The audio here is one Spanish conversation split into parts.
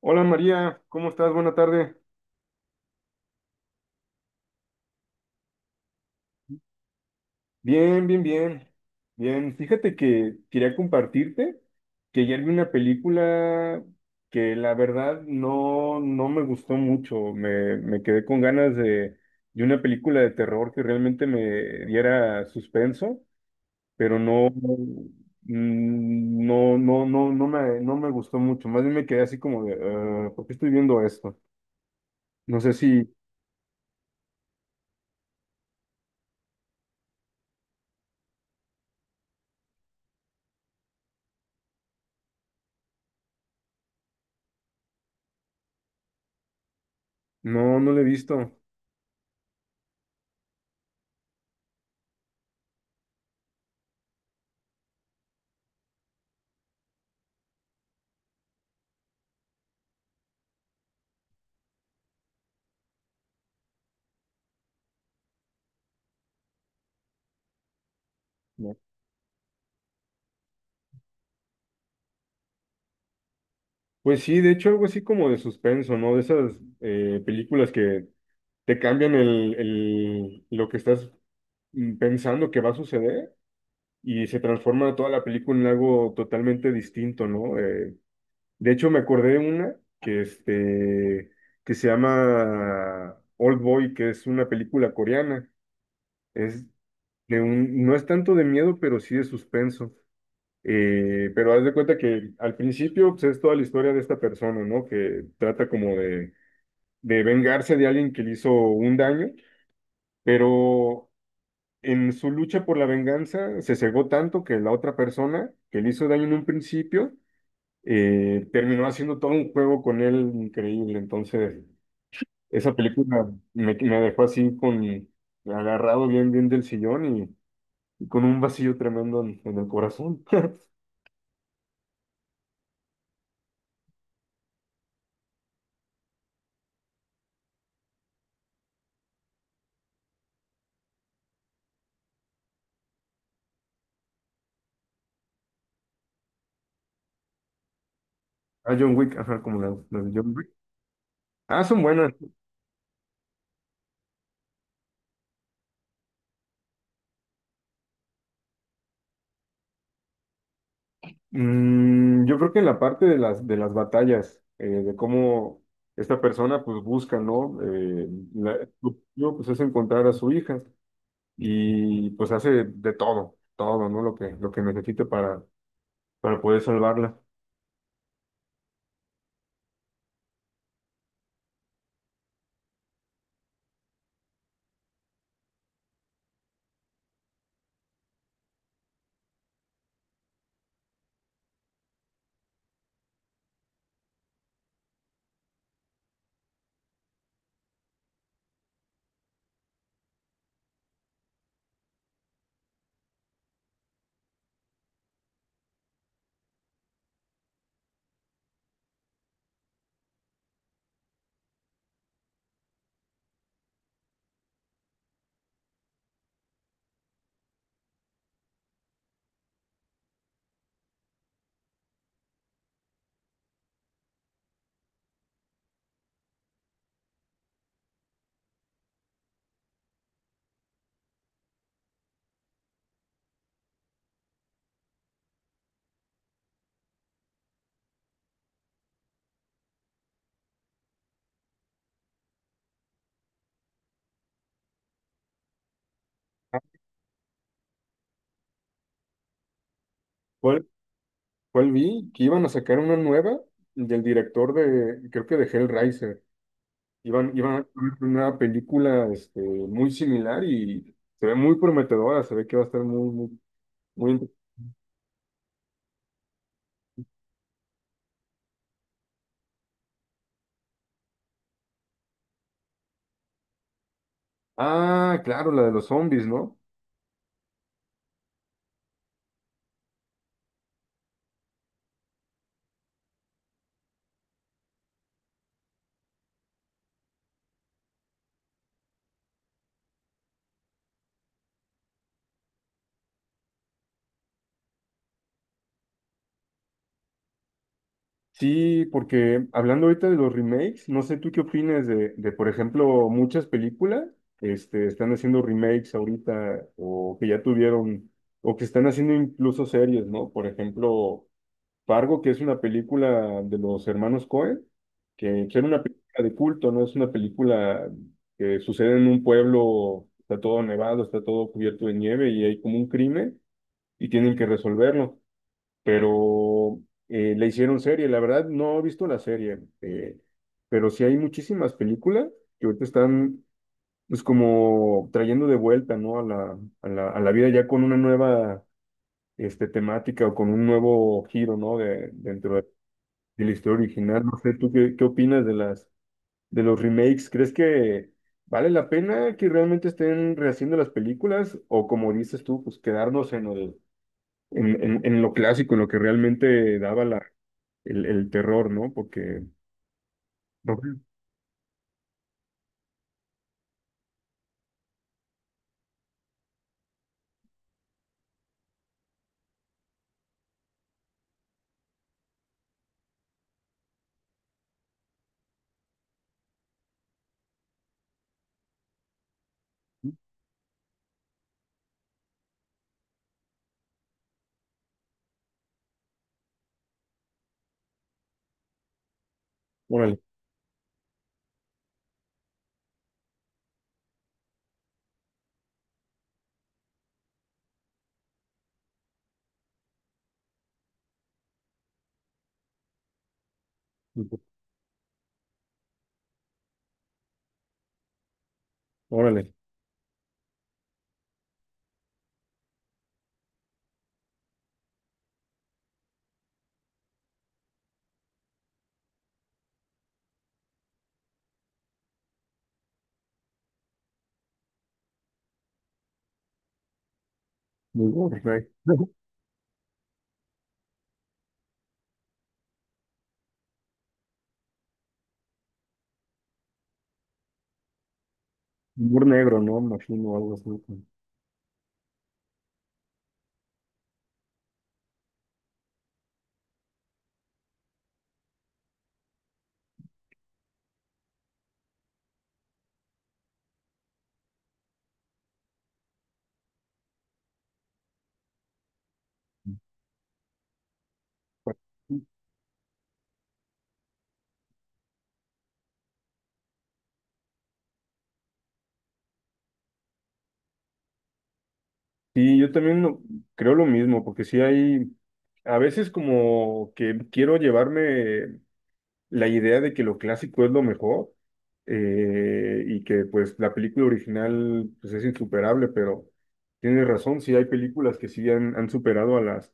Hola María, ¿cómo estás? Buena tarde. Bien, bien, bien. Bien, fíjate que quería compartirte que ayer vi una película que la verdad no, no me gustó mucho. Me quedé con ganas de una película de terror que realmente me diera suspenso, pero no, no, no, no, no me gustó mucho. Más bien me quedé así como de, "Ah, ¿por qué estoy viendo esto? No sé si, no, no lo he visto. Pues sí, de hecho algo así como de suspenso, ¿no? De esas películas que te cambian lo que estás pensando que va a suceder y se transforma toda la película en algo totalmente distinto, ¿no? De hecho me acordé de una que, que se llama Old Boy, que es una película coreana. Es de un, no es tanto de miedo, pero sí de suspenso. Pero haz de cuenta que al principio pues, es toda la historia de esta persona, ¿no? Que trata como de vengarse de alguien que le hizo un daño, pero en su lucha por la venganza se cegó tanto que la otra persona que le hizo daño en un principio terminó haciendo todo un juego con él increíble. Entonces, esa película me dejó así con agarrado bien, bien del sillón y con un vacío tremendo en el corazón. A John Wick, ajá, como la de John Wick. Ah, son buenas. Mm, yo creo que en la parte de de las batallas, de cómo esta persona pues busca, ¿no? Su objetivo, pues es encontrar a su hija y pues hace de todo, todo, ¿no? Lo que necesite para poder salvarla. Ah, ¿Cuál, cuál vi? Que iban a sacar una nueva del director de, creo que de Hellraiser. Iban a hacer una película muy similar y se ve muy prometedora, se ve que va a estar muy, muy, muy Ah, claro, la de los zombies, ¿no? Sí, porque hablando ahorita de los remakes, no sé tú qué opinas de, por ejemplo, muchas películas, están haciendo remakes ahorita, o que ya tuvieron, o que están haciendo incluso series, ¿no? Por ejemplo, Fargo, que es una película de los hermanos Coen, que era una película de culto, ¿no? Es una película que sucede en un pueblo, está todo nevado, está todo cubierto de nieve y hay como un crimen y tienen que resolverlo. Pero le hicieron serie. La verdad, no he visto la serie, pero sí hay muchísimas películas que ahorita están, pues, como trayendo de vuelta, ¿no? A a la vida ya con una nueva, temática o con un nuevo giro, ¿no? De, dentro de la historia original. No sé, ¿tú qué, qué opinas de las, de los remakes? ¿Crees que vale la pena que realmente estén rehaciendo las películas o como dices tú, pues quedarnos en el en lo clásico, en lo que realmente daba el terror, ¿no? Porque, órale, órale, muy gore, right. Humor negro, ¿no? Imagino algo así. Sí, yo también creo lo mismo, porque sí hay, a veces como que quiero llevarme la idea de que lo clásico es lo mejor y que pues la película original pues es insuperable, pero tienes razón, sí hay películas que sí han, han superado a las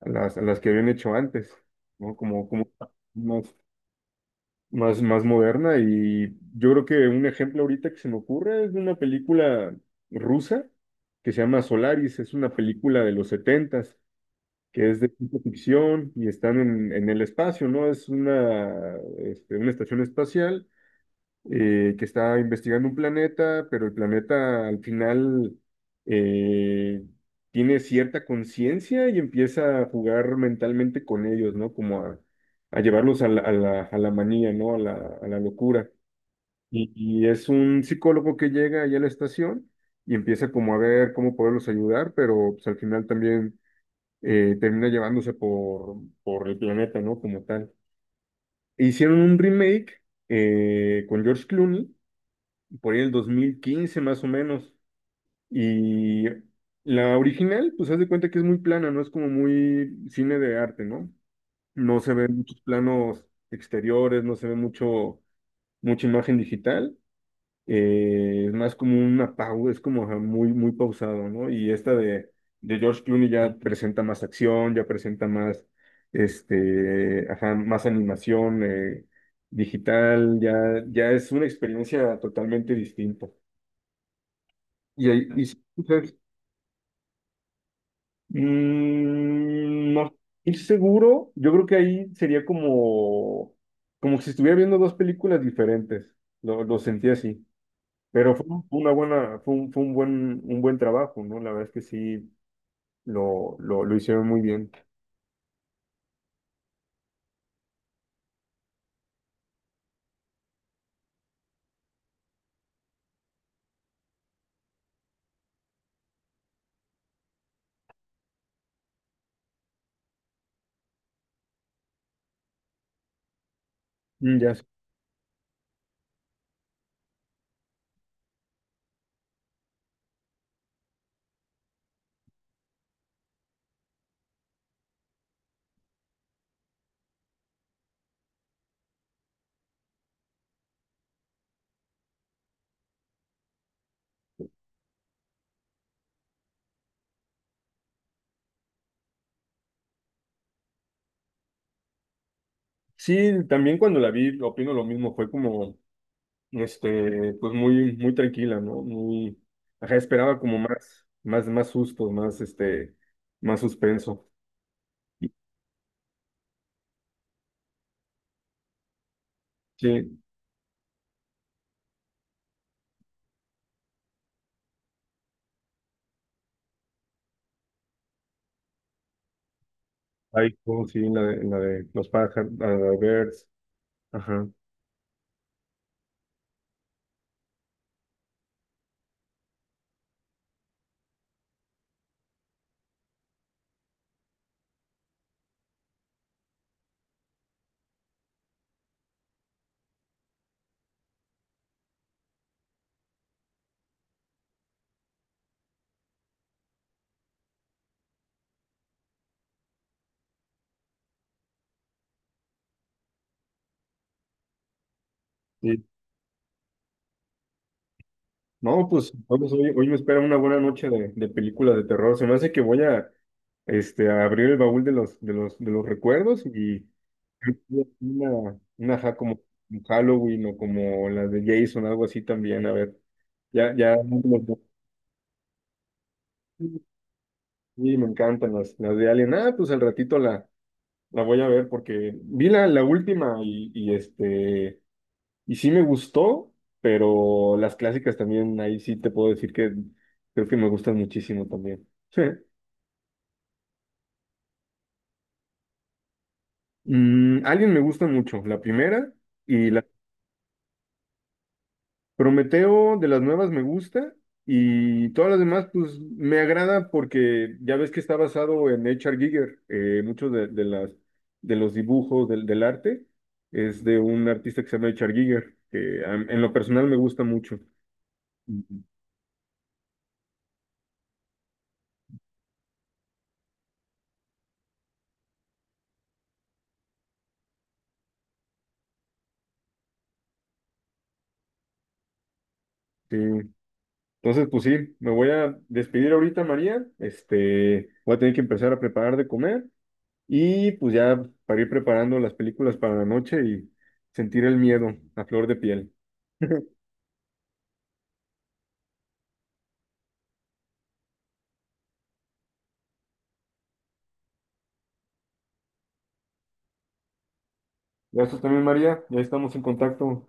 a las que habían hecho antes, ¿no? Como, como más, más, más moderna. Y yo creo que un ejemplo ahorita que se me ocurre es de una película rusa que se llama Solaris, es una película de los setentas, que es de ciencia ficción y están en el espacio, ¿no? Es una, una estación espacial que está investigando un planeta, pero el planeta al final eh, tiene cierta conciencia y empieza a jugar mentalmente con ellos, ¿no? Como a llevarlos a a la manía, ¿no? A la locura. Y es un psicólogo que llega allá a la estación y empieza como a ver cómo poderlos ayudar, pero pues al final también termina llevándose por el planeta, ¿no? Como tal. Hicieron un remake con George Clooney por ahí el 2015 más o menos. Y la original, pues haz de cuenta que es muy plana, no es como muy cine de arte, ¿no? No se ven muchos planos exteriores, no se ve mucho, mucha imagen digital. Es más como un apago, es como ajá, muy, muy pausado, ¿no? Y esta de George Clooney ya presenta más acción, ya presenta más, ajá, más animación digital, ya, ya es una experiencia totalmente distinta. Y ahí, y sí, mujer, Mm, no estoy seguro. Yo creo que ahí sería como, como si estuviera viendo dos películas diferentes. Lo sentí así. Pero fue una buena, fue un buen trabajo, ¿no? La verdad es que sí lo hicieron muy bien. Mm, ya sé. Sí, también cuando la vi, opino lo mismo. Fue como, pues muy, muy tranquila, ¿no? Muy, ajá, esperaba como más, más, más sustos, más, más suspenso. Sí, Ay, oh, sí, en la de los pájaros, la de Birds. Ajá. Sí. No, pues vamos, hoy, hoy me espera una buena noche de películas de terror. Se me hace que voy a, a abrir el baúl de los, de los, de los recuerdos y una ajá, como Halloween o como la de Jason, algo así también. A ver, ya, ya. No, no, no. Sí, me encantan las de Alien. Ah, pues al ratito la voy a ver porque vi la última y este. Y sí me gustó, pero las clásicas también, ahí sí te puedo decir que creo que me gustan muchísimo también. Sí. Mm, Alien me gusta mucho, la primera y la Prometeo de las nuevas me gusta y todas las demás pues me agrada porque ya ves que está basado en H.R. Giger, muchos de las de los dibujos del, del arte es de un artista que se llama H.R. Giger, que en lo personal me gusta mucho. Ujú. Sí. Entonces, pues sí, me voy a despedir ahorita, María. Este, voy a tener que empezar a preparar de comer y pues ya para ir preparando las películas para la noche y sentir el miedo a flor de piel. Gracias también, María. Ya estamos en contacto.